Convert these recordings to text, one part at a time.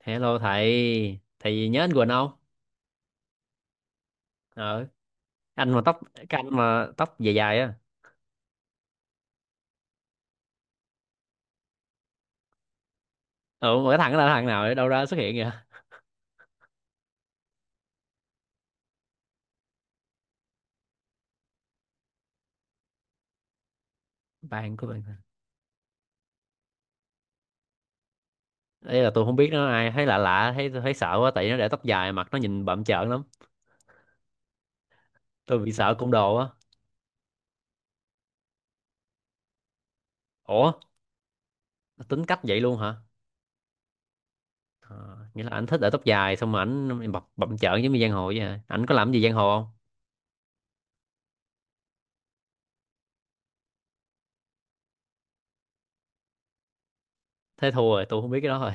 Hello thầy, thầy nhớ anh Quỳnh không? ờ anh mà tóc, cái anh mà tóc dài dài á. Ừ mà cái thằng đó là thằng nào ở đâu ra xuất hiện kìa? Bạn của bạn? Ấy là tôi không biết nó là ai, thấy lạ lạ, thấy thấy sợ quá, tại nó để tóc dài, mặt nó nhìn bặm trợn lắm. Tôi bị sợ côn đồ á. Ủa, tính cách vậy luôn hả? Ờ, nghĩa là ảnh thích để tóc dài xong mà ảnh bập bặm trợn giống như giang hồ vậy hả? Ảnh có làm gì giang hồ không? Thế thua rồi, tôi không biết cái đó rồi.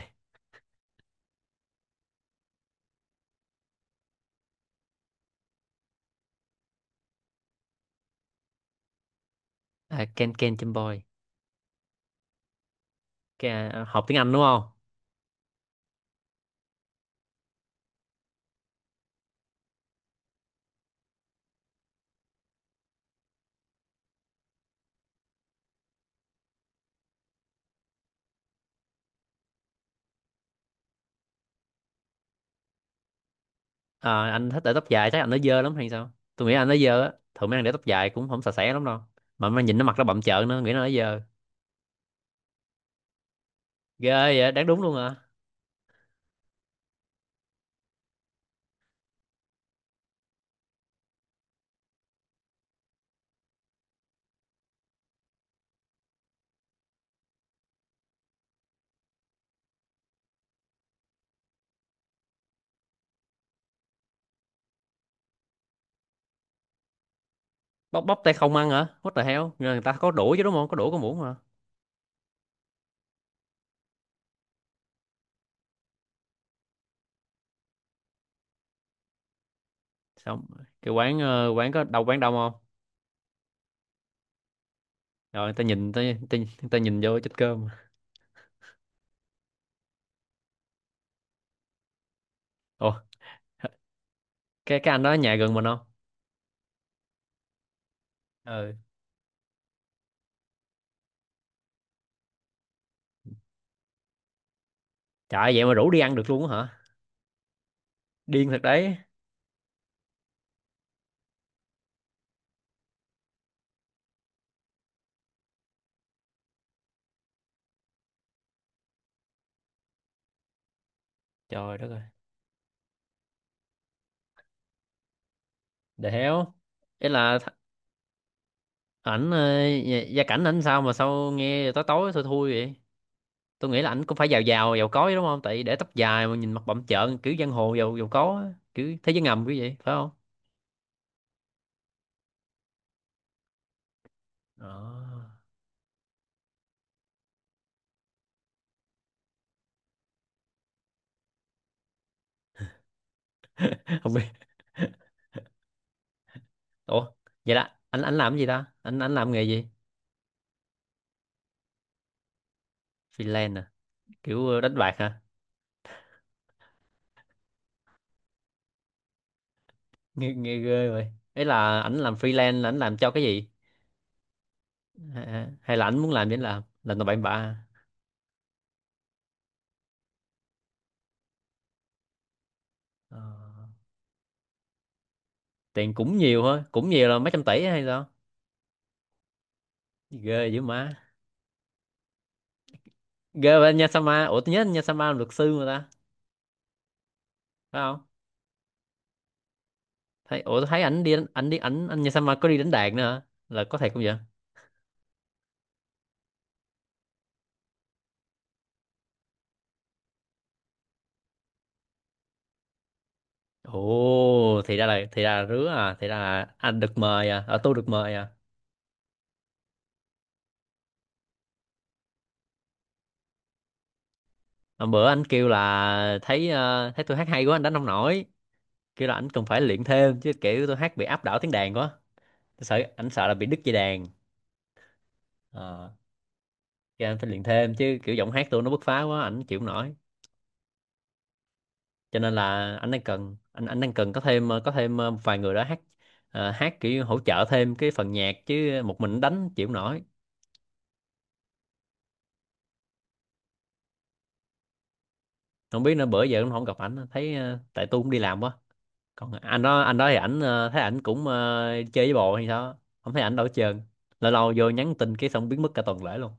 À, Ken, Ken Chim Boy. Ken, học tiếng Anh đúng không? Ờ, anh thích để tóc dài chắc anh nó dơ lắm hay sao. Tôi nghĩ anh nó dơ á, thường mấy anh để tóc dài cũng không sạch sẽ lắm đâu. Mà mấy anh nhìn nó, mặt nó bặm trợn nữa, nghĩ nó dơ. Ghê vậy, đáng đúng luôn à. Bóc, bóc tay không ăn hả? What the hell. Rồi người ta có đũa chứ đúng không, có đũa có muỗng mà. Xong, cái quán quán có đâu, quán đông không? Rồi người ta nhìn ta, ta, ta nhìn vô chết cơm. Ồ, cái anh đó ở nhà gần mình không? Ừ. Trời ơi, vậy mà rủ đi ăn được luôn á hả? Điên thật đấy. Trời đất ơi. The hell. Ý là ảnh gia, gia cảnh ảnh sao mà sao nghe tối tối thui thui vậy? Tôi nghĩ là ảnh cũng phải giàu, giàu giàu có chứ đúng không, tại để tóc dài mà nhìn mặt bặm trợn kiểu giang hồ giàu, giàu có á, kiểu thế giới ngầm kiểu vậy phải không? Ờ. Không biết. Ủa, vậy là anh làm cái gì ta, anh làm nghề gì? Freelance à? Kiểu đánh bạc hả? Nghe, nghe ghê vậy. Ấy là ảnh làm freelance là ảnh làm cho cái gì? Hả? Hay là ảnh muốn làm gì ảnh làm tầm bậy bạ à? Ờ, tiền cũng nhiều hả, cũng nhiều là mấy trăm tỷ hay sao? Ghê dữ má. Ghê vậy, anh Nha Sama. Ủa, tôi nhớ anh Nha Sama là luật sư mà ta, phải không? Thấy, ủa tôi thấy ảnh đi đánh-, ảnh đi, ảnh anh nhà sao mà có đi đánh đàn nữa hả? Là có thiệt không vậy? Ồ, thì ra là, thì ra là rứa à, thì ra là anh được mời à, ở tôi được mời à. Hôm bữa anh kêu là thấy thấy tôi hát hay quá anh đánh không nổi. Kêu là anh cần phải luyện thêm chứ, kiểu tôi hát bị áp đảo tiếng đàn quá. Tôi sợ anh sợ là bị đứt dây đàn. Ờ, kêu anh phải luyện thêm chứ kiểu giọng hát tôi nó bứt phá quá, ảnh chịu không nổi. Cho nên là anh đang cần, anh đang cần có thêm có thêm một vài người đó hát, hát kiểu hỗ trợ thêm cái phần nhạc chứ một mình đánh chịu không nổi. Không biết nữa, bữa giờ cũng không gặp ảnh, thấy tại tôi cũng đi làm quá. Còn anh đó, anh đó thì ảnh thấy ảnh cũng chơi với bồ hay sao không thấy ảnh đâu hết trơn. Lâu lâu vô nhắn tin cái xong biến mất cả tuần lễ luôn.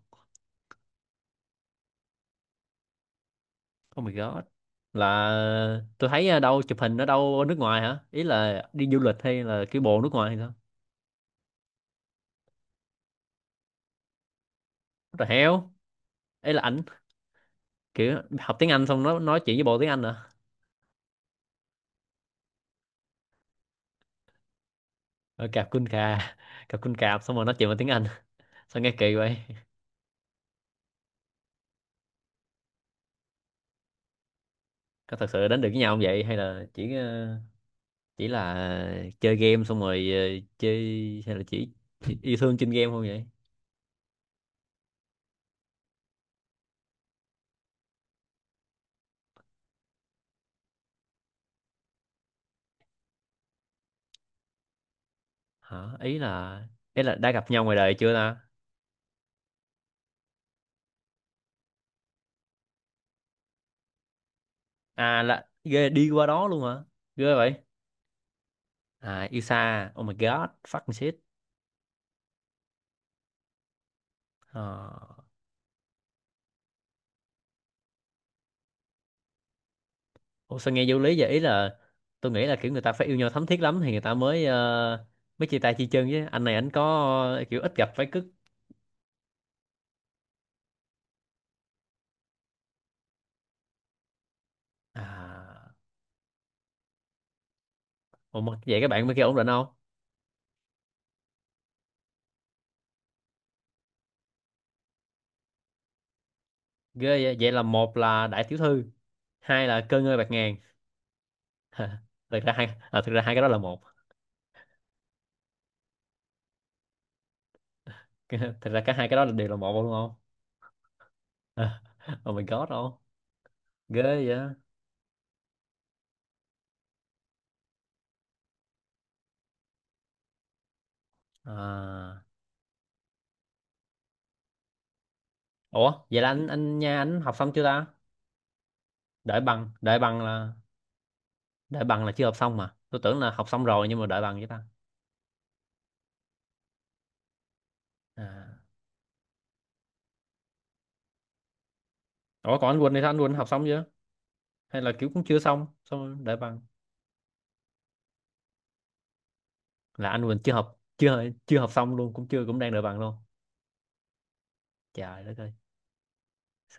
Oh my god. Là tôi thấy ở đâu chụp hình ở đâu ở nước ngoài hả, ý là đi du lịch hay là cái bộ nước ngoài hay sao? Rồi heo. Ấy là ảnh kiểu học tiếng Anh xong nó nói chuyện với bộ tiếng Anh hả? Ở cạp quân cà. Cặp quân cạp xong rồi nói chuyện bằng tiếng Anh. Sao nghe kỳ vậy? Có thật sự đến được với nhau không vậy, hay là chỉ chỉ là chơi game xong rồi chơi, hay là chỉ yêu thương trên game không vậy? Hả? Ý là, ý là đã gặp nhau ngoài đời chưa ta? À, là ghê, đi qua đó luôn hả? Ghê vậy. À yêu xa, oh my god, fucking shit. Ờ. Ủa sao nghe vô lý vậy, ý là tôi nghĩ là kiểu người ta phải yêu nhau thấm thiết lắm thì người ta mới mới chia tay chi chân chứ, anh này anh có kiểu ít gặp phải cứ. À, ủa mà vậy các bạn bên kia ổn định không? Ghê vậy, vậy là một là đại tiểu thư, hai là cơ ngơi bạc ngàn. Ha, thực ra hai, à, thực ra hai cái đó là một. Thực ra cả hai cái đó là đều là một luôn đúng không? À. Oh my god, không? Ghê vậy. À, ủa vậy là anh nha anh học xong chưa ta? Đợi bằng là, đợi bằng là chưa học xong mà. Tôi tưởng là học xong rồi nhưng mà đợi bằng vậy ta. À. Ủa còn anh Quỳnh thì sao? Anh Quỳnh học xong chưa? Hay là kiểu cũng chưa xong, xong rồi đợi bằng? Là anh Quỳnh chưa học, chưa chưa học xong luôn, cũng chưa, cũng đang đợi bằng luôn. Trời đất ơi,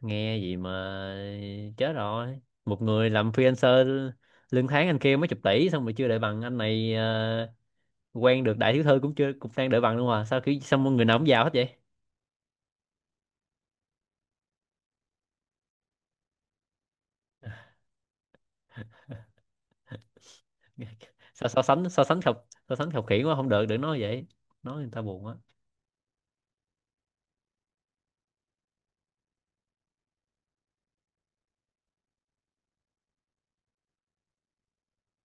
nghe gì mà chết rồi. Một người làm freelancer lương tháng anh kia mấy chục tỷ, xong rồi chưa đợi bằng, anh này quen được đại thiếu thư cũng chưa, cũng đang đợi bằng luôn mà sao kiểu sao mọi người nào cũng giàu hết vậy? Sao so sánh, so sánh khập, so sánh khập khiễng quá không được, đừng nói vậy. Nói người ta buồn quá.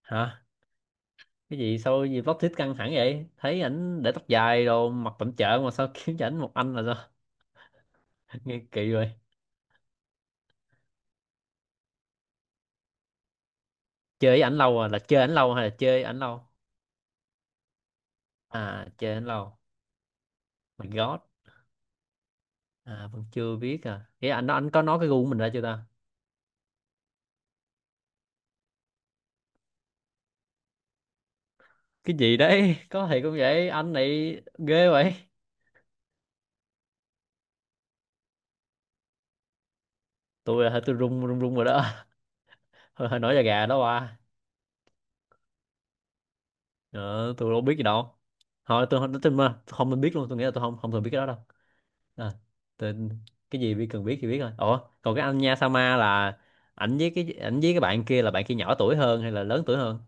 Hả? Cái gì sao gì plot twist căng thẳng vậy? Thấy ảnh để tóc dài đồ mặt tẩm chợ mà sao kiếm cho ảnh một anh là sao? Nghe kỳ rồi. Chơi với ảnh lâu à, là chơi ảnh lâu hay là chơi ảnh lâu? À chơi ảnh lâu. My God. À vẫn chưa biết à. Vậy anh có nói cái gu của mình ra chưa ta? Cái gì đấy? Có thì cũng vậy, anh này ghê vậy. Tôi là tôi run, run run rồi đó. Hơi, hơi nổi da gà đó ba. Ờ, tôi đâu biết gì đâu. Thôi tôi không, tôi, mà tôi không biết luôn, tôi nghĩ là tôi không, không thường biết cái đó đâu. À, tôi, cái gì biết cần biết thì biết thôi. Ủa, còn cái anh Nha Sama là ảnh với cái, ảnh với cái bạn kia là bạn kia nhỏ tuổi hơn hay là lớn tuổi hơn?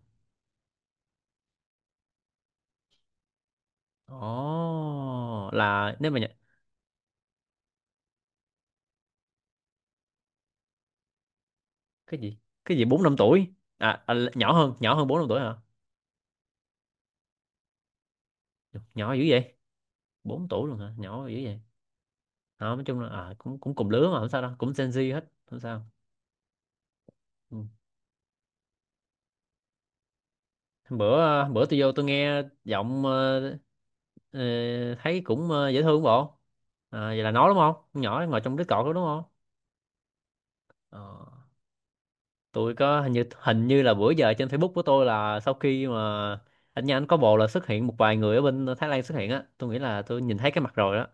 Ồ, là nếu mà cái gì? Cái gì 4 5 tuổi? À, à nhỏ hơn 4 5 tuổi hả? Nhỏ dữ vậy? Bốn tuổi luôn hả, nhỏ dữ vậy. Ờ, nói chung là à, cũng, cũng cùng lứa mà không sao đâu, cũng Gen Z hết không sao. Ừ. Bữa bữa tôi vô tôi nghe giọng ờ, thấy cũng dễ thương bộ. À, vậy là nó đúng không, con nhỏ ngồi trong đứa cọt đó đúng không? Ờ, tôi có hình như, hình như là bữa giờ trên Facebook của tôi là sau khi mà anh nha anh có bồ là xuất hiện một vài người ở bên Thái Lan xuất hiện á, tôi nghĩ là tôi nhìn thấy cái mặt rồi đó.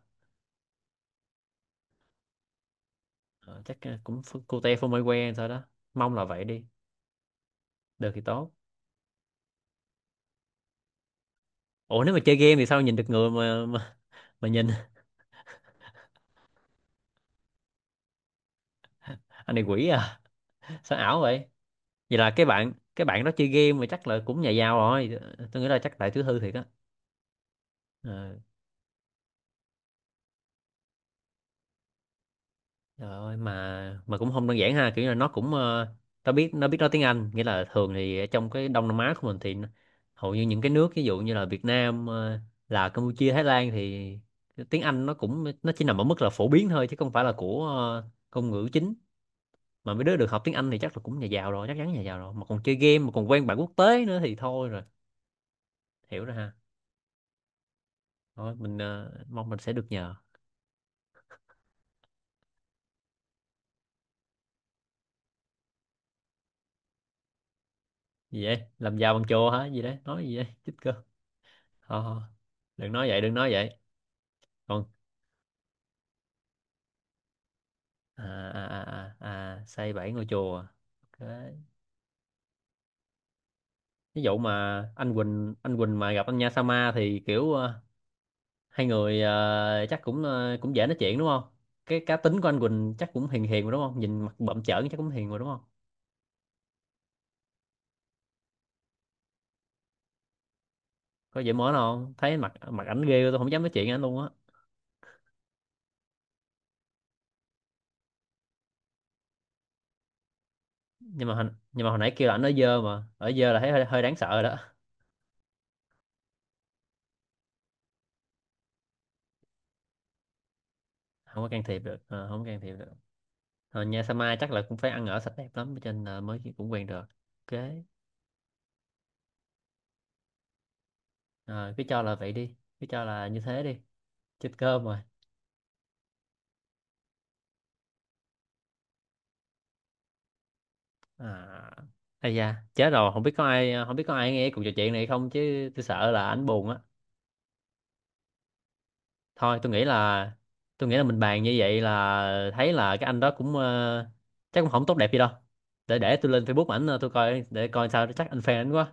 Ờ, chắc cũng cô te phô mai que sao đó. Mong là vậy đi. Được thì tốt. Ủa nếu mà chơi game thì sao nhìn được người mà nhìn, anh này quỷ à, sao ảo vậy. Vậy là cái bạn, cái bạn đó chơi game mà chắc là cũng nhà giàu rồi. Tôi nghĩ là chắc tại thứ thư thiệt á. Ờ, trời ơi mà cũng không đơn giản ha, kiểu là nó cũng nó biết, nó biết nói tiếng Anh nghĩa là thường thì ở trong cái Đông Nam Á của mình thì hầu như những cái nước ví dụ như là Việt Nam Lào, Campuchia, Thái Lan thì tiếng Anh nó cũng nó chỉ nằm ở mức là phổ biến thôi chứ không phải là của ngôn ngữ chính. Mà mấy đứa được học tiếng Anh thì chắc là cũng nhà giàu rồi, chắc chắn nhà giàu rồi mà còn chơi game mà còn quen bạn quốc tế nữa thì thôi rồi. Hiểu rồi ha. Thôi mình mong mình sẽ được nhờ. Gì vậy, làm giàu bằng chùa hả, gì đấy nói gì vậy? Chích cơ. Thôi thôi, đừng nói vậy, đừng nói vậy. Còn à à à, à, à xây 7 ngôi chùa. Ok. Ví dụ mà anh Quỳnh, anh Quỳnh mà gặp anh Nha Sama thì kiểu hai người chắc cũng cũng dễ nói chuyện đúng không? Cái cá tính của anh Quỳnh chắc cũng hiền hiền rồi đúng không, nhìn mặt bậm trợn chắc cũng hiền rồi đúng không? Có dễ mến không, thấy mặt, mặt ảnh ghê tôi không dám nói chuyện với ảnh luôn á. Nhưng mà hồi, nhưng mà hồi nãy kêu là ảnh ở dơ mà, ở dơ là thấy hơi, hơi đáng sợ rồi đó. Không có can thiệp được. Ờ, không can thiệp được. Ờ, nhà Sama chắc là cũng phải ăn ở sạch đẹp lắm cho nên là mới cũng quen được. Ok. Ờ, cứ cho là vậy đi. Cứ cho là như thế đi. Chết cơm rồi. À ây da chết rồi, không biết có ai không biết có ai nghe cuộc trò chuyện này không chứ tôi sợ là ảnh buồn á. Thôi tôi nghĩ là, tôi nghĩ là mình bàn như vậy là thấy là cái anh đó cũng chắc cũng không tốt đẹp gì đâu. Để tôi lên Facebook ảnh tôi coi để coi sao chắc anh fan ảnh quá.